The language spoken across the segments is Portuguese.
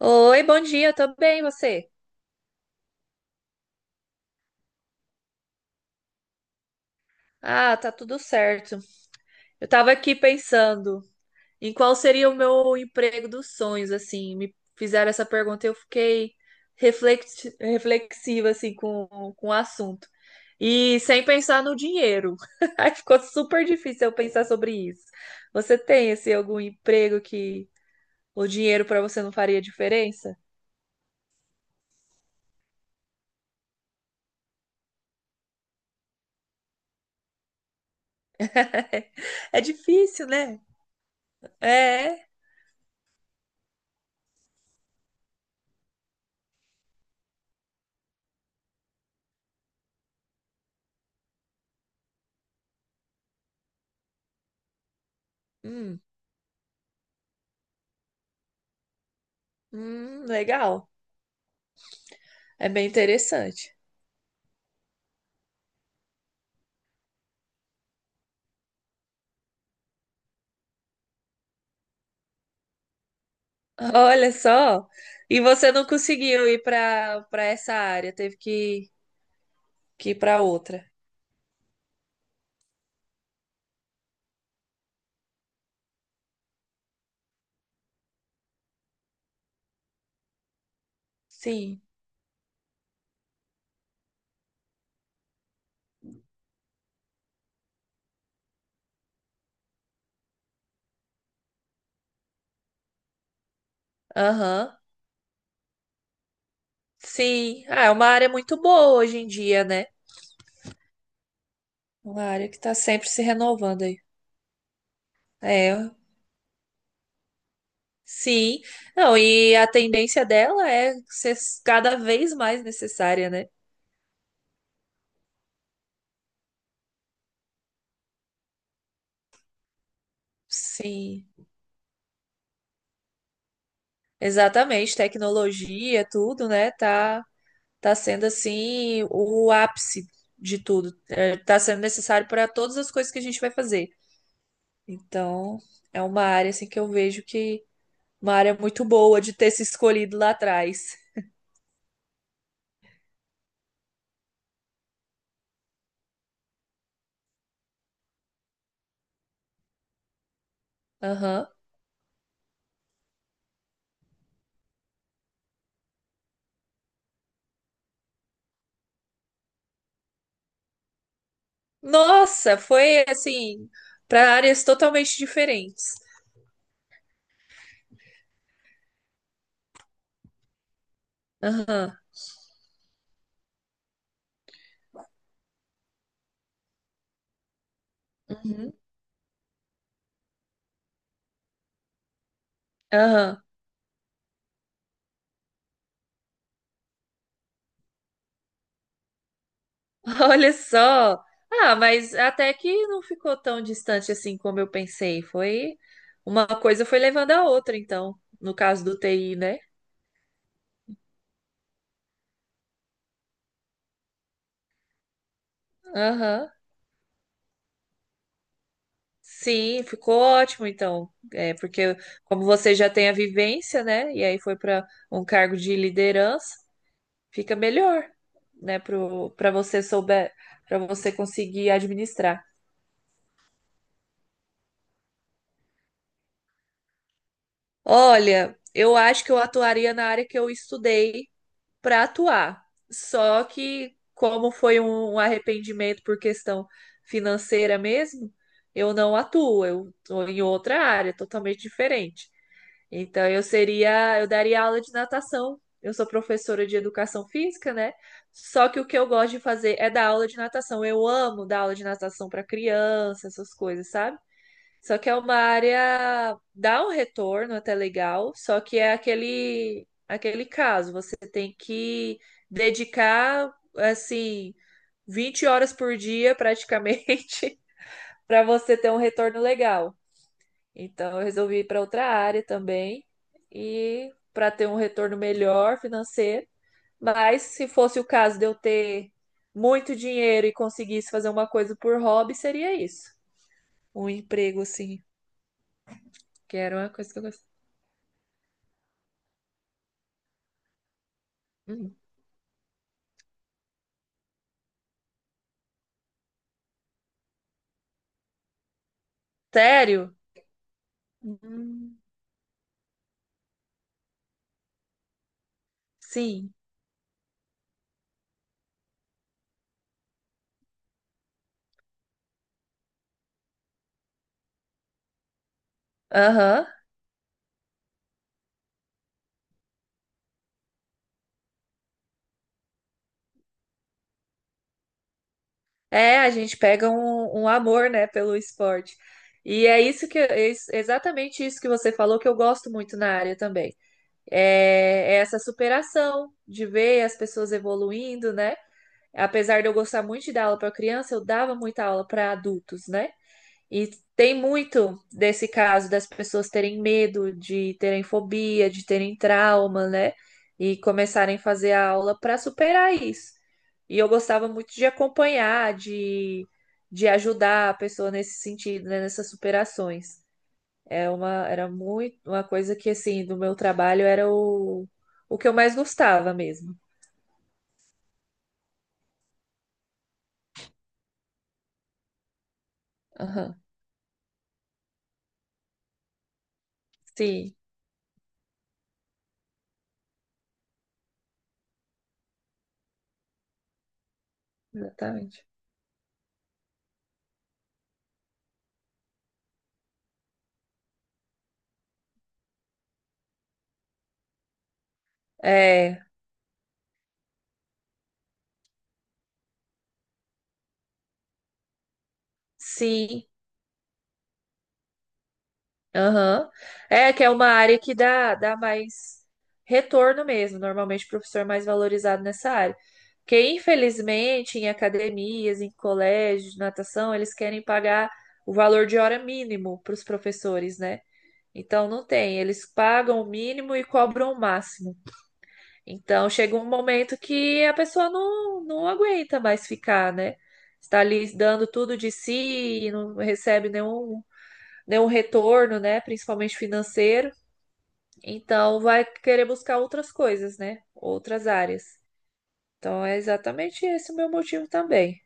Oi, bom dia, eu bem, e você? Ah, tá tudo certo. Eu tava aqui pensando em qual seria o meu emprego dos sonhos, assim, me fizeram essa pergunta e eu fiquei reflexiva, assim, com o assunto. E sem pensar no dinheiro. Aí ficou super difícil eu pensar sobre isso. Você tem, assim, algum emprego que o dinheiro para você não faria diferença? É difícil, né? É. Hum, legal. É bem interessante. Olha só. E você não conseguiu ir para essa área, teve que ir para outra. Sim. Aham. Sim. Ah, é uma área muito boa hoje em dia, né? Uma área que está sempre se renovando aí. É. Sim. Não, e a tendência dela é ser cada vez mais necessária, né? Sim. Exatamente. Tecnologia, tudo, né? Tá Tá sendo assim o ápice de tudo, está sendo necessário para todas as coisas que a gente vai fazer. Então, é uma área assim que eu vejo que uma área muito boa de ter se escolhido lá atrás. Aham. Nossa, foi assim para áreas totalmente diferentes. Aham. Uhum. Aham. Olha só. Ah, mas até que não ficou tão distante assim como eu pensei. Foi uma coisa foi levando a outra, então, no caso do TI, né? Aham. Sim, ficou ótimo então. É, porque como você já tem a vivência, né? E aí foi para um cargo de liderança, fica melhor, né, pro para você souber, para você conseguir administrar. Olha, eu acho que eu atuaria na área que eu estudei para atuar. Só que como foi um arrependimento por questão financeira mesmo, eu não atuo, eu tô em outra área totalmente diferente. Então, eu daria aula de natação. Eu sou professora de educação física, né? Só que o que eu gosto de fazer é dar aula de natação. Eu amo dar aula de natação para criança, essas coisas, sabe? Só que é uma área, dá um retorno até legal, só que é aquele caso, você tem que dedicar assim 20 horas por dia praticamente para você ter um retorno legal. Então, eu resolvi ir para outra área também e para ter um retorno melhor financeiro. Mas se fosse o caso de eu ter muito dinheiro e conseguisse fazer uma coisa por hobby, seria isso. Um emprego assim, que era uma coisa que eu gostava. Hum. Sério? Hum. Sim. Aham. É, a gente pega um amor, né, pelo esporte. E é isso que é exatamente isso que você falou que eu gosto muito na área também. É essa superação de ver as pessoas evoluindo, né? Apesar de eu gostar muito de dar aula para criança, eu dava muita aula para adultos, né? E tem muito desse caso das pessoas terem medo, de terem fobia, de terem trauma, né? E começarem a fazer a aula para superar isso. E eu gostava muito de acompanhar, de ajudar a pessoa nesse sentido, né? Nessas superações. Era muito uma coisa que assim, do meu trabalho era o que eu mais gostava mesmo. Aham. Sim, exatamente. É, sim. Aham. É que é uma área que dá mais retorno mesmo. Normalmente o professor é mais valorizado nessa área. Porque, infelizmente, em academias, em colégios de natação, eles querem pagar o valor de hora mínimo para os professores, né? Então não tem, eles pagam o mínimo e cobram o máximo. Então chega um momento que a pessoa não aguenta mais ficar, né? Está ali dando tudo de si e não recebe nenhum retorno, né? Principalmente financeiro. Então vai querer buscar outras coisas, né? Outras áreas. Então é exatamente esse o meu motivo também.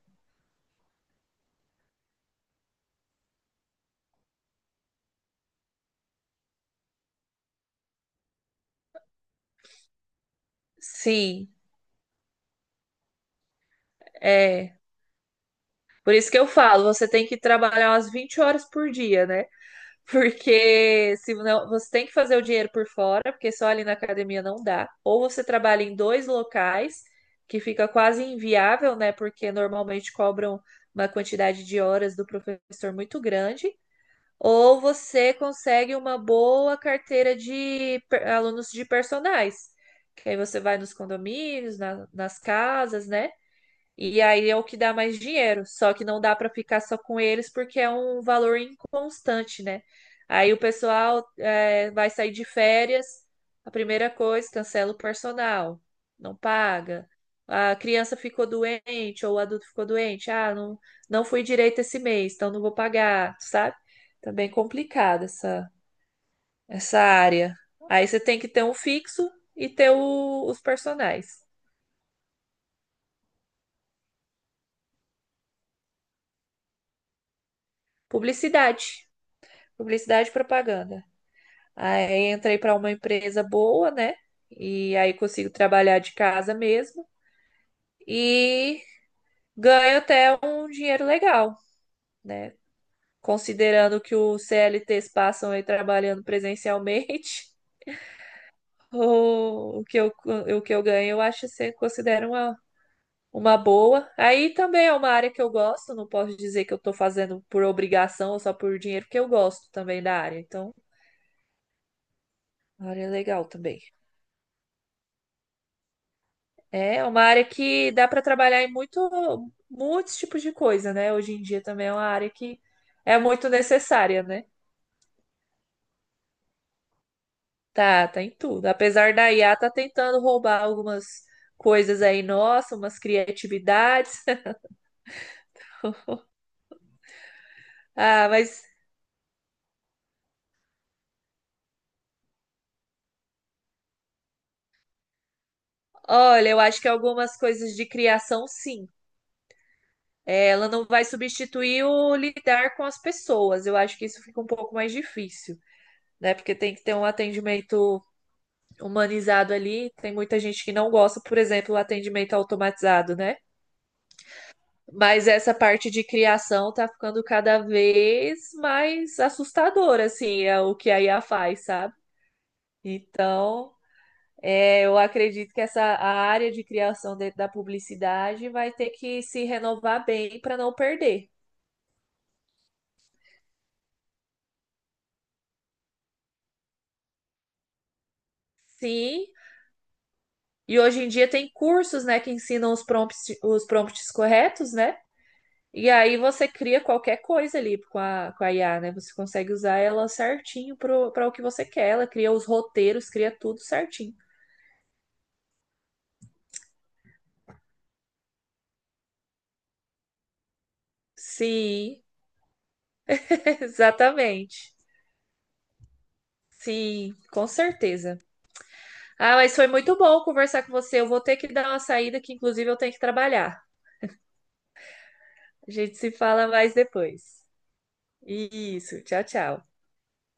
Sim, é. Por isso que eu falo, você tem que trabalhar umas 20 horas por dia, né? Porque se não, você tem que fazer o dinheiro por fora, porque só ali na academia não dá. Ou você trabalha em dois locais, que fica quase inviável, né? Porque normalmente cobram uma quantidade de horas do professor muito grande. Ou você consegue uma boa carteira de alunos de personais, que aí você vai nos condomínios, nas casas, né? E aí é o que dá mais dinheiro. Só que não dá para ficar só com eles porque é um valor inconstante, né? Aí o pessoal vai sair de férias, a primeira coisa, cancela o personal, não paga. A criança ficou doente ou o adulto ficou doente. Ah, não fui direito esse mês, então não vou pagar, sabe? Também complicada essa área. Aí você tem que ter um fixo e ter os personagens. Publicidade. Publicidade e propaganda. Aí entrei para uma empresa boa, né? E aí consigo trabalhar de casa mesmo e ganho até um dinheiro legal, né? Considerando que os CLTs passam aí trabalhando presencialmente, o o que eu, o que eu ganho, eu acho que considero uma boa. Aí também é uma área que eu gosto, não posso dizer que eu tô fazendo por obrigação ou só por dinheiro, porque eu gosto também da área. Então, a área é legal também. É uma área que dá para trabalhar em muitos tipos de coisa, né? Hoje em dia também é uma área que é muito necessária, né? Tá, tá em tudo. Apesar da IA tá tentando roubar algumas coisas aí, nossa, umas criatividades. Ah, mas olha, eu acho que algumas coisas de criação, sim. É, ela não vai substituir o lidar com as pessoas. Eu acho que isso fica um pouco mais difícil, né? Porque tem que ter um atendimento humanizado ali. Tem muita gente que não gosta, por exemplo, do atendimento automatizado, né? Mas essa parte de criação tá ficando cada vez mais assustadora, assim, é o que a IA faz, sabe? Então, eu acredito que essa a área de criação dentro da publicidade vai ter que se renovar bem para não perder. Sim. E hoje em dia tem cursos, né, que ensinam os prompts, corretos, né? E aí você cria qualquer coisa ali com a IA, né? Você consegue usar ela certinho para o que você quer. Ela cria os roteiros, cria tudo certinho. Sim, exatamente. Sim, com certeza. Ah, mas foi muito bom conversar com você. Eu vou ter que dar uma saída que, inclusive, eu tenho que trabalhar. A gente se fala mais depois. Isso, tchau, tchau.